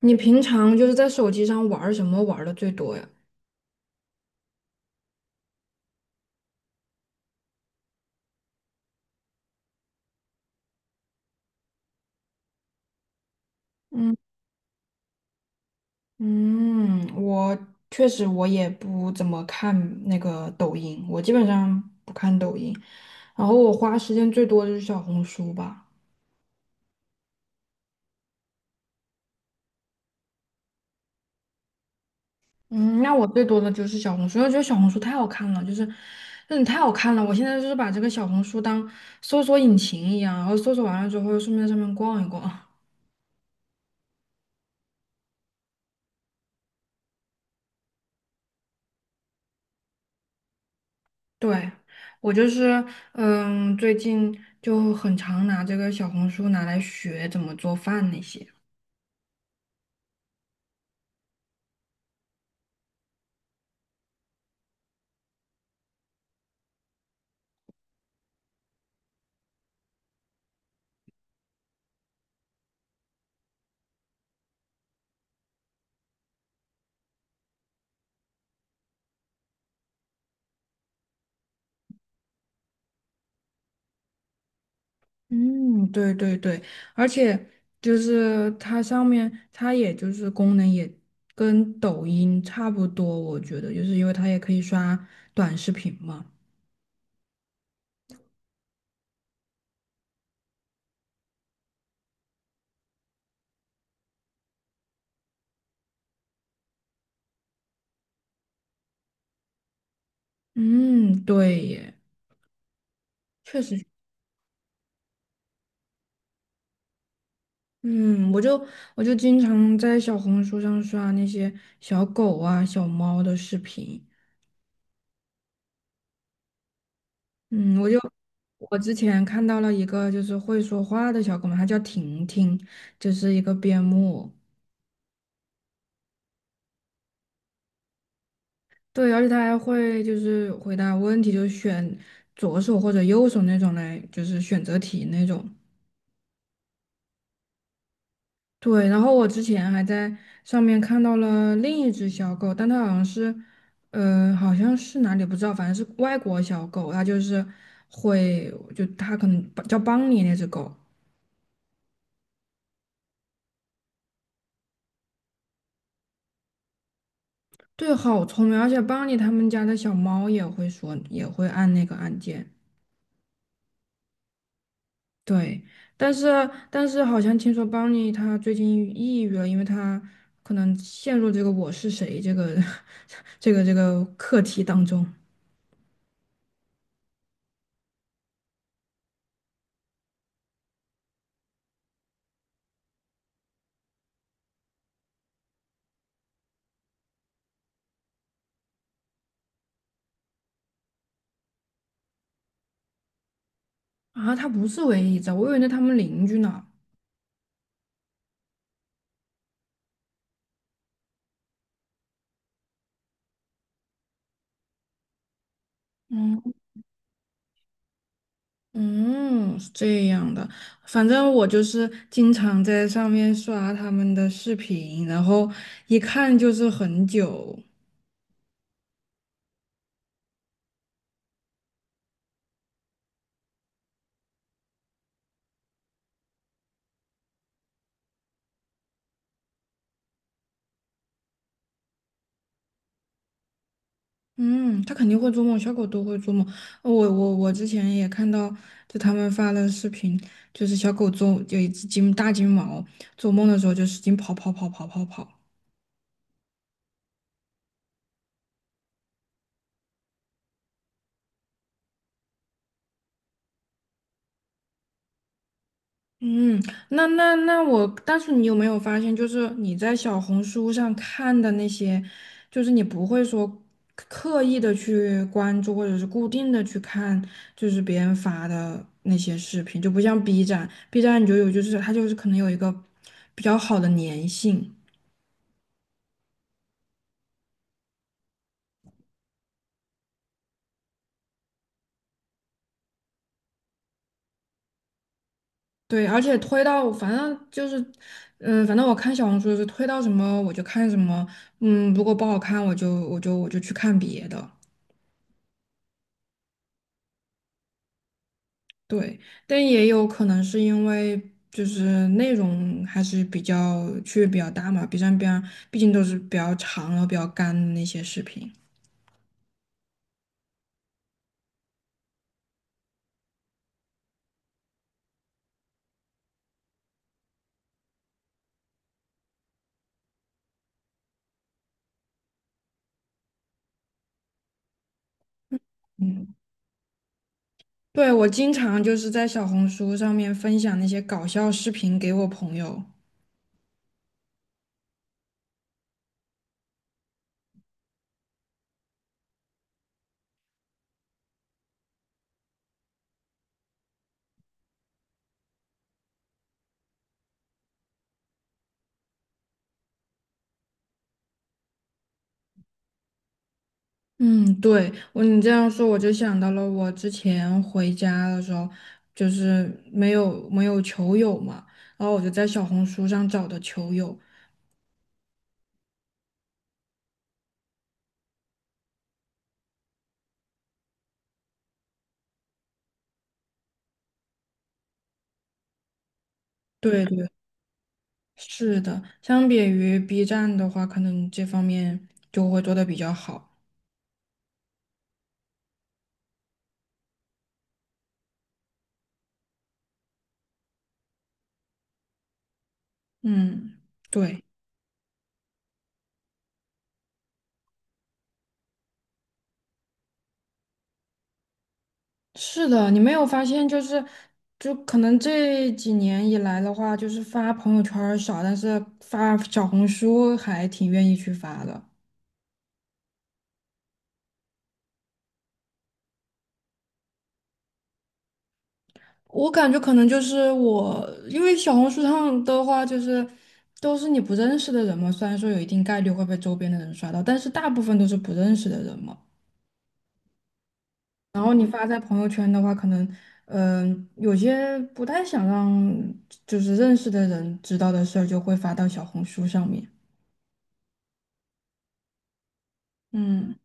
你平常就是在手机上玩儿什么玩的最多呀？嗯嗯，我确实我也不怎么看那个抖音，我基本上不看抖音，然后我花时间最多的就是小红书吧。嗯，那我最多的就是小红书，因为我觉得小红书太好看了，就是真的太好看了。我现在就是把这个小红书当搜索引擎一样，然后搜索完了之后顺便在上面逛一逛。对，我就是，嗯，最近就很常拿这个小红书拿来学怎么做饭那些。嗯，对对对，而且就是它上面，它也就是功能也跟抖音差不多，我觉得就是因为它也可以刷短视频嘛。嗯，对耶，确实，嗯，我就我就经常在小红书上刷那些小狗啊、小猫的视频，嗯，我之前看到了一个就是会说话的小狗嘛，它叫婷婷，就是一个边牧。对，而且它还会就是回答问题，就是选左手或者右手那种来，就是选择题那种。对，然后我之前还在上面看到了另一只小狗，但它好像是，好像是哪里不知道，反正是外国小狗，它就是会，就它可能叫邦尼那只狗。对，好聪明，而且邦尼他们家的小猫也会说，也会按那个按键。对，但是但是好像听说邦尼他最近抑郁了，因为他可能陷入这个"我是谁"这个 这个课题当中啊。他不是唯一一只，我以为是他们邻居呢。嗯嗯，是这样的。反正我就是经常在上面刷他们的视频，然后一看就是很久。嗯，它肯定会做梦，小狗都会做梦。我之前也看到，就他们发的视频，就是小狗做有一只金大金毛，做梦的时候就使劲跑跑跑跑跑跑。嗯，那那那我，但是你有没有发现，就是你在小红书上看的那些，就是你不会说刻意的去关注，或者是固定的去看，就是别人发的那些视频，就不像 B 站，B 站你就有就是它就是可能有一个比较好的粘性。对，而且推到反正就是，反正我看小红书是推到什么我就看什么，嗯，如果不好看我就去看别的。对，但也有可能是因为就是内容还是比较区别比较大嘛，B 站边毕竟都是比较长然后比较干的那些视频。嗯，对，我经常就是在小红书上面分享那些搞笑视频给我朋友。嗯，对，我你这样说，我就想到了我之前回家的时候，就是没有球友嘛，然后我就在小红书上找的球友。对对，是的，相比于 B 站的话，可能这方面就会做的比较好。嗯，对，是的，你没有发现就是，就可能这几年以来的话，就是发朋友圈儿少，但是发小红书还挺愿意去发的。我感觉可能就是我，因为小红书上的话，就是都是你不认识的人嘛。虽然说有一定概率会被周边的人刷到，但是大部分都是不认识的人嘛。然后你发在朋友圈的话，可能有些不太想让就是认识的人知道的事儿，就会发到小红书上面。嗯。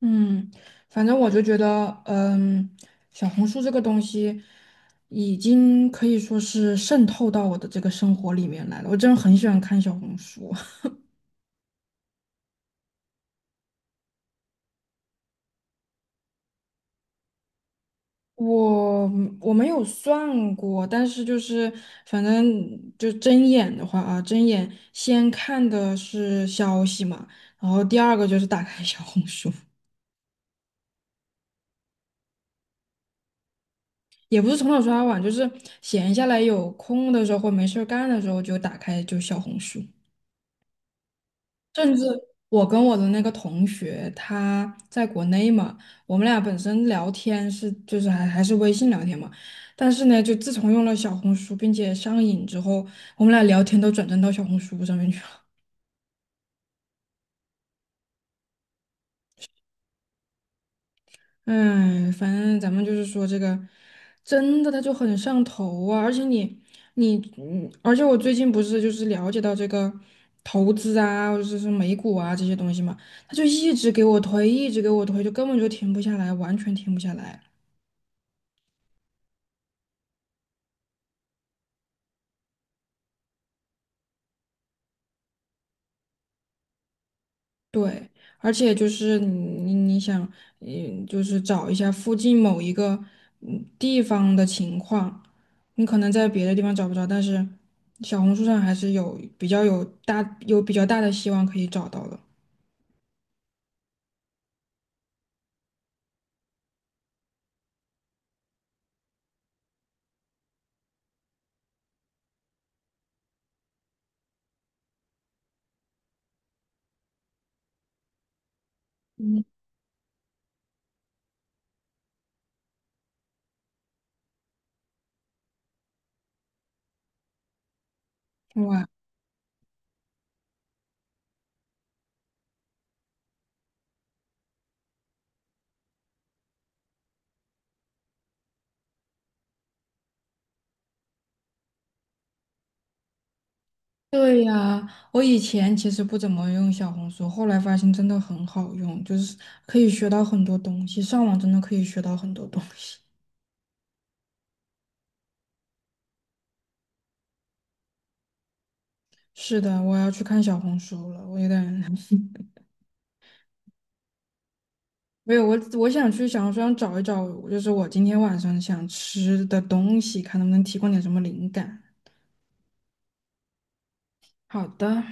嗯，反正我就觉得，小红书这个东西已经可以说是渗透到我的这个生活里面来了。我真的很喜欢看小红书，我我没有算过，但是就是反正就睁眼的话啊，睁眼先看的是消息嘛，然后第二个就是打开小红书，也不是从早刷到晚，就是闲下来有空的时候或没事儿干的时候就打开就小红书。甚至我跟我的那个同学，他在国内嘛，我们俩本身聊天是就是还是微信聊天嘛，但是呢，就自从用了小红书并且上瘾之后，我们俩聊天都转战到小红书上面去了。哎，反正咱们就是说这个，真的他就很上头啊！而且你你嗯，而且我最近不是就是了解到这个投资啊，或者是美股啊这些东西嘛，他就一直给我推，一直给我推，就根本就停不下来，完全停不下来。对，而且就是你想，就是找一下附近某一个地方的情况，你可能在别的地方找不着，但是小红书上还是有比较有大有比较大的希望可以找到的。哇，对呀，我以前其实不怎么用小红书，后来发现真的很好用，就是可以学到很多东西，上网真的可以学到很多东西。是的，我要去看小红书了，我有点 没有，我想去小红书上找一找，就是我今天晚上想吃的东西，看能不能提供点什么灵感。好的。